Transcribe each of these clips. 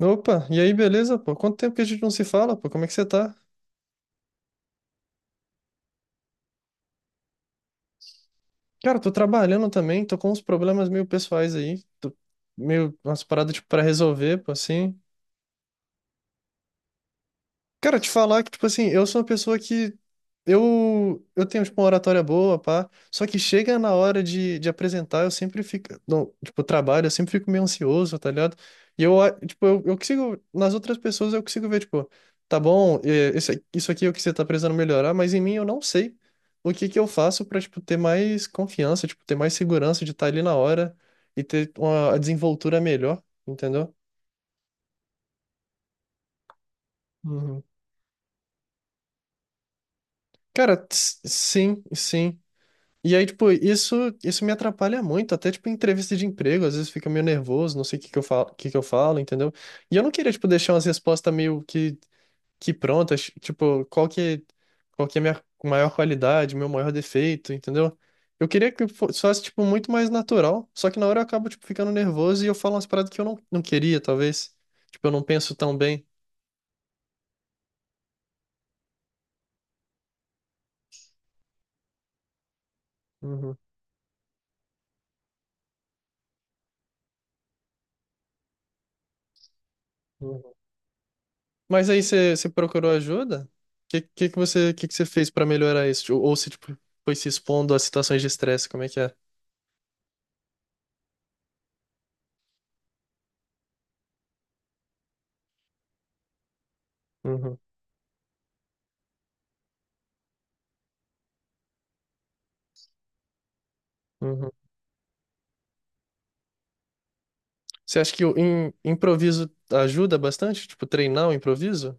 Opa, e aí, beleza, pô? Quanto tempo que a gente não se fala, pô? Como é que você tá? Cara, tô trabalhando também, tô com uns problemas meio pessoais aí, tô meio umas paradas, tipo, pra resolver, pô, assim. Cara, te falar que, tipo assim, eu sou uma pessoa que. Eu tenho, tipo, uma oratória boa, pá. Só que chega na hora de apresentar, eu sempre fico. Não, tipo, trabalho, eu sempre fico meio ansioso, tá ligado? E eu, tipo, eu consigo. Nas outras pessoas eu consigo ver, tipo, tá bom, é, isso aqui é o que você tá precisando melhorar, mas em mim eu não sei o que que eu faço pra, tipo, ter mais confiança, tipo, ter mais segurança de estar ali na hora e ter uma a desenvoltura melhor, entendeu? Uhum. Cara, sim, sim. E aí, tipo, isso me atrapalha muito, até, tipo, em entrevista de emprego, às vezes fica meio nervoso, não sei o que que eu falo, entendeu? E eu não queria, tipo, deixar umas respostas meio que prontas, tipo, qual que é a minha maior qualidade, meu maior defeito, entendeu? Eu queria que fosse, fosse, tipo, muito mais natural, só que na hora eu acabo, tipo, ficando nervoso e eu falo umas paradas que eu não, não queria, talvez. Tipo, eu não penso tão bem. Uhum. Uhum. Mas aí você procurou ajuda? O que que você fez pra melhorar isso? Ou se tipo, foi se expondo a situações de estresse, como é que é? Uhum, uhum. Você acha que o improviso ajuda bastante? Tipo, treinar o improviso?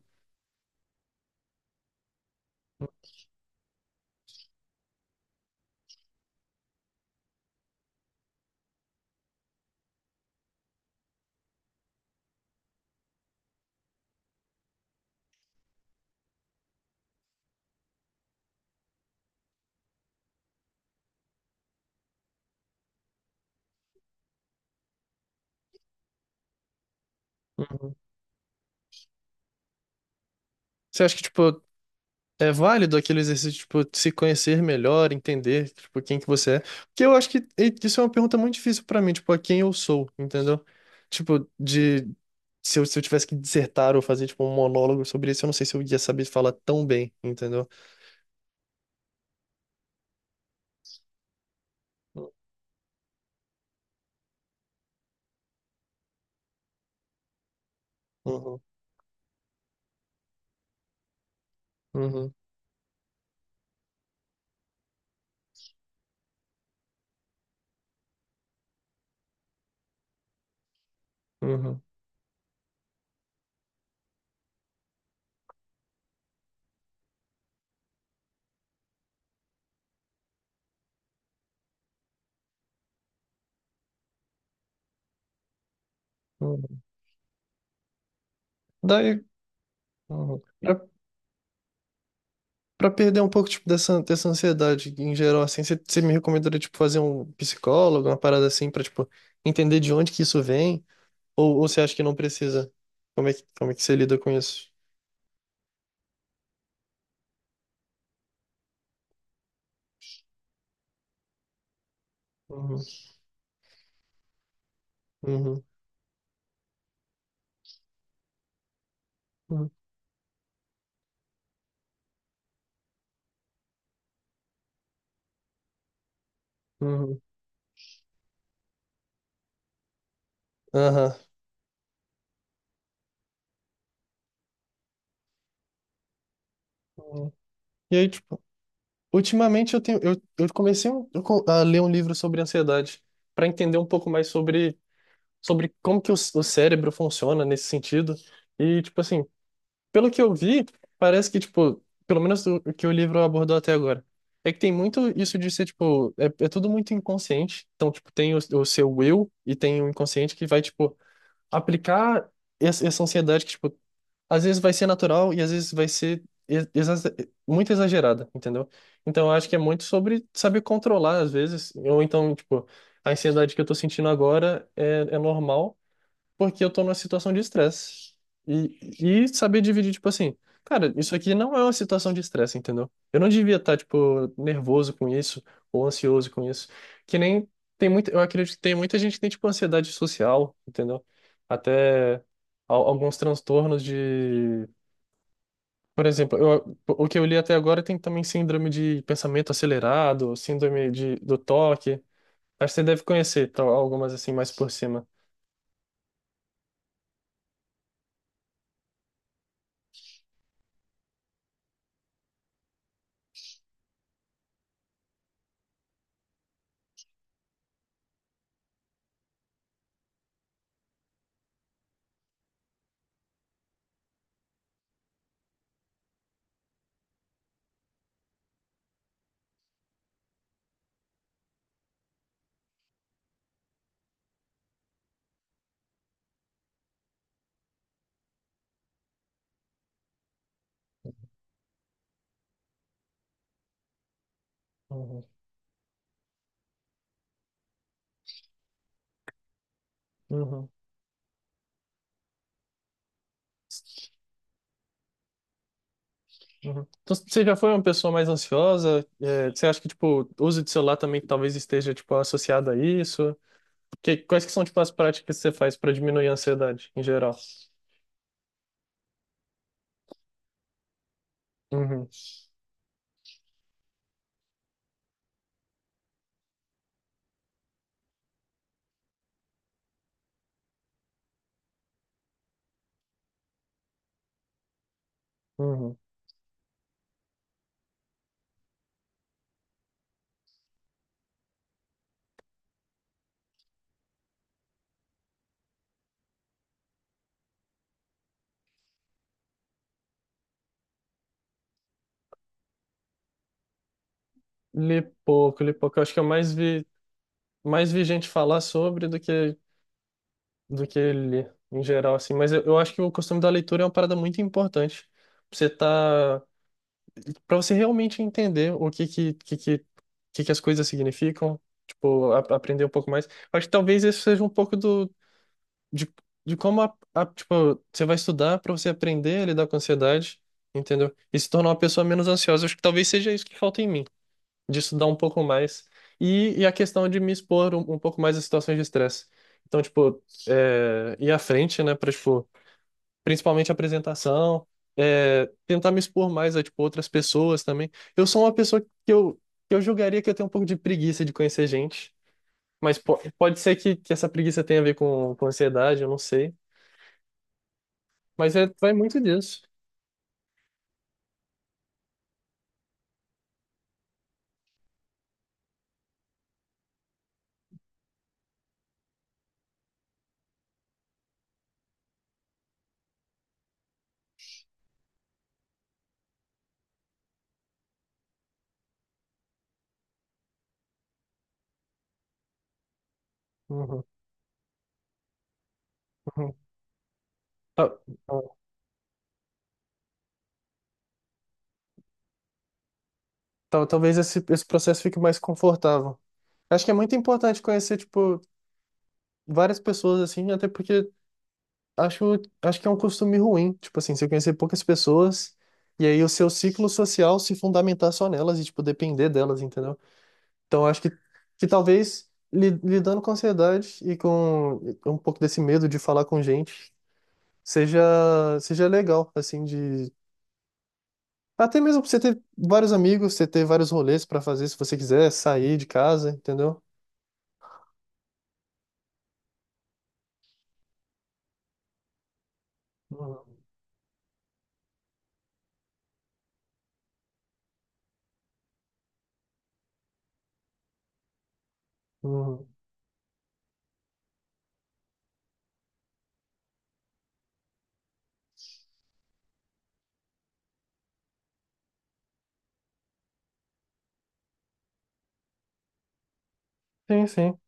Uhum. Você acha que tipo é válido aquele exercício, tipo, de tipo, se conhecer melhor, entender, tipo, quem que você é. Porque eu acho que isso é uma pergunta muito difícil pra mim, tipo, a quem eu sou, entendeu? Tipo, de... Se eu, se eu tivesse que dissertar ou fazer, tipo, um monólogo sobre isso, eu não sei se eu ia saber falar tão bem, entendeu? Uhum, uhum, uhum, uhum. Daí, uhum. Pra, pra perder um pouco, tipo, dessa ansiedade em geral, assim, você me recomendaria, tipo, fazer um psicólogo, uma parada assim, pra, tipo, entender de onde que isso vem? Ou você acha que não precisa? Como é que você lida com isso? Uhum, uhum, uhum, uhum. Aham. E aí, tipo, ultimamente eu tenho, eu comecei eu a ler um livro sobre ansiedade para entender um pouco mais sobre, sobre como que o, o cérebro funciona nesse sentido. E, tipo assim, pelo que eu vi, parece que, tipo, pelo menos o que o livro abordou até agora, é que tem muito isso de ser, tipo, é, é tudo muito inconsciente. Então, tipo, tem o seu eu e tem o inconsciente que vai, tipo, aplicar essa ansiedade que, tipo, às vezes vai ser natural e às vezes vai ser ex- exa- muito exagerada, entendeu? Então, eu acho que é muito sobre saber controlar, às vezes, ou então, tipo, a ansiedade que eu tô sentindo agora é, é normal porque eu tô numa situação de estresse. E, e saber dividir, tipo assim, cara, isso aqui não é uma situação de estresse, entendeu? Eu não devia estar, tipo, nervoso com isso ou ansioso com isso. Que nem tem muito, eu acredito que tem muita gente que tem, tipo, ansiedade social, entendeu? Até alguns transtornos de. Por exemplo, o que eu li até agora tem também síndrome de pensamento acelerado, síndrome de, do toque. Acho que você deve conhecer, tal, algumas assim mais por cima. Uhum. Uhum. Uhum. Então, você já foi uma pessoa mais ansiosa? É, você acha que, tipo, o uso de celular também talvez esteja, tipo, associado a isso? Que, quais que são, tipo, as práticas que você faz para diminuir a ansiedade, em geral? Uhum, uhum. Li pouco, li pouco. Eu acho que eu mais vi gente falar sobre do que li, em geral, assim. Mas eu acho que o costume da leitura é uma parada muito importante. Você tá para você realmente entender o que que as coisas significam, tipo, aprender um pouco mais. Acho que talvez isso seja um pouco do, de, de como, a, tipo, você vai estudar para você aprender a lidar com a ansiedade, entendeu? E se tornar uma pessoa menos ansiosa. Acho que talvez seja isso que falta em mim, de estudar um pouco mais. E a questão de me expor um, um pouco mais a situações de estresse. Então, tipo, é, ir à frente, né, para, principalmente apresentação, é, tentar me expor mais a, tipo, outras pessoas também. Eu sou uma pessoa que eu julgaria que eu tenho um pouco de preguiça de conhecer gente, mas pode ser que essa preguiça tenha a ver com ansiedade, eu não sei. Mas é, vai muito disso. Uhum, uhum. Tal- talvez esse, esse processo fique mais confortável. Acho que é muito importante conhecer, tipo, várias pessoas, assim, até porque acho, acho que é um costume ruim. Tipo assim, você conhecer poucas pessoas e aí o seu ciclo social se fundamentar só nelas e, tipo, depender delas, entendeu? Então, acho que talvez lidando com a ansiedade e com um pouco desse medo de falar com gente seja, seja legal, assim, de. Até mesmo pra você ter vários amigos, você ter vários rolês pra fazer se você quiser, sair de casa, entendeu? Uhum. Uhum. Sim, sim.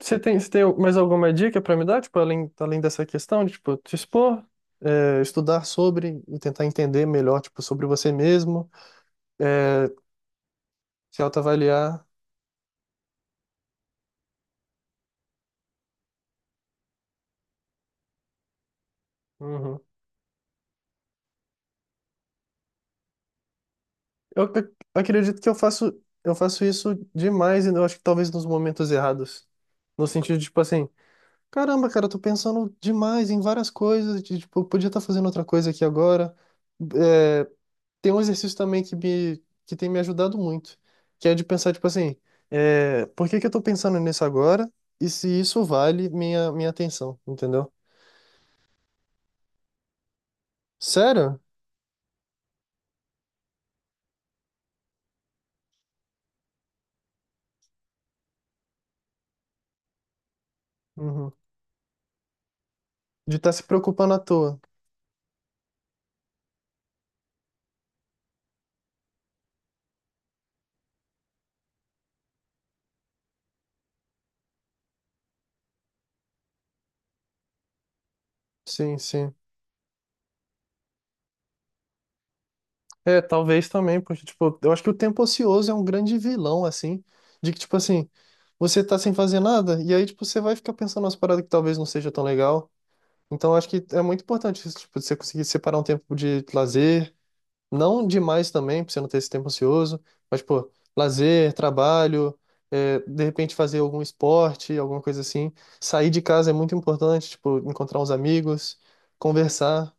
Você tem mais alguma dica para me dar, tipo, além, além dessa questão de, tipo, te expor, é, estudar sobre e tentar entender melhor, tipo, sobre você mesmo, é, se autoavaliar. Uhum. Eu acredito que eu faço isso demais e eu acho que talvez nos momentos errados. No sentido de, tipo, assim, caramba, cara, eu tô pensando demais em várias coisas, de, tipo, eu podia estar fazendo outra coisa aqui agora. É, tem um exercício também que, me, que tem me ajudado muito, que é de pensar, tipo assim, é, por que que eu tô pensando nisso agora e se isso vale minha, minha atenção, entendeu? Sério? Uhum. De estar se preocupando à toa. Sim, sim. É, talvez também, porque, tipo, eu acho que o tempo ocioso é um grande vilão, assim, de que, tipo assim, você tá sem fazer nada e aí, tipo, você vai ficar pensando nas paradas que talvez não seja tão legal. Então, eu acho que é muito importante isso, tipo, você conseguir separar um tempo de lazer, não demais também, pra você não ter esse tempo ansioso, mas, pô, lazer, trabalho, é, de repente fazer algum esporte, alguma coisa assim. Sair de casa é muito importante, tipo, encontrar uns amigos, conversar.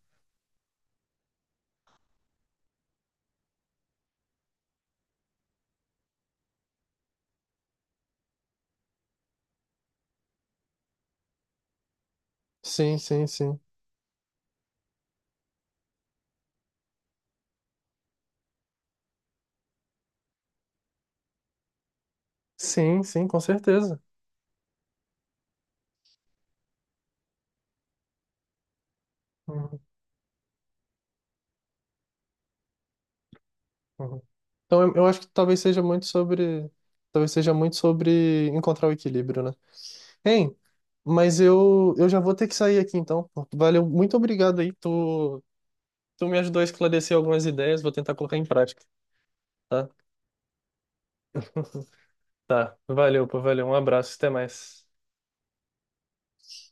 Sim, sim, sim. Sim, sim, com certeza. Uhum, uhum. Então, eu acho que talvez seja muito sobre, talvez seja muito sobre encontrar o equilíbrio, né? Hein, mas eu já vou ter que sair aqui, então. Valeu, muito obrigado aí, tu, tu me ajudou a esclarecer algumas ideias, vou tentar colocar em prática. Tá? Tá. Valeu, pô, valeu. Um abraço, até mais.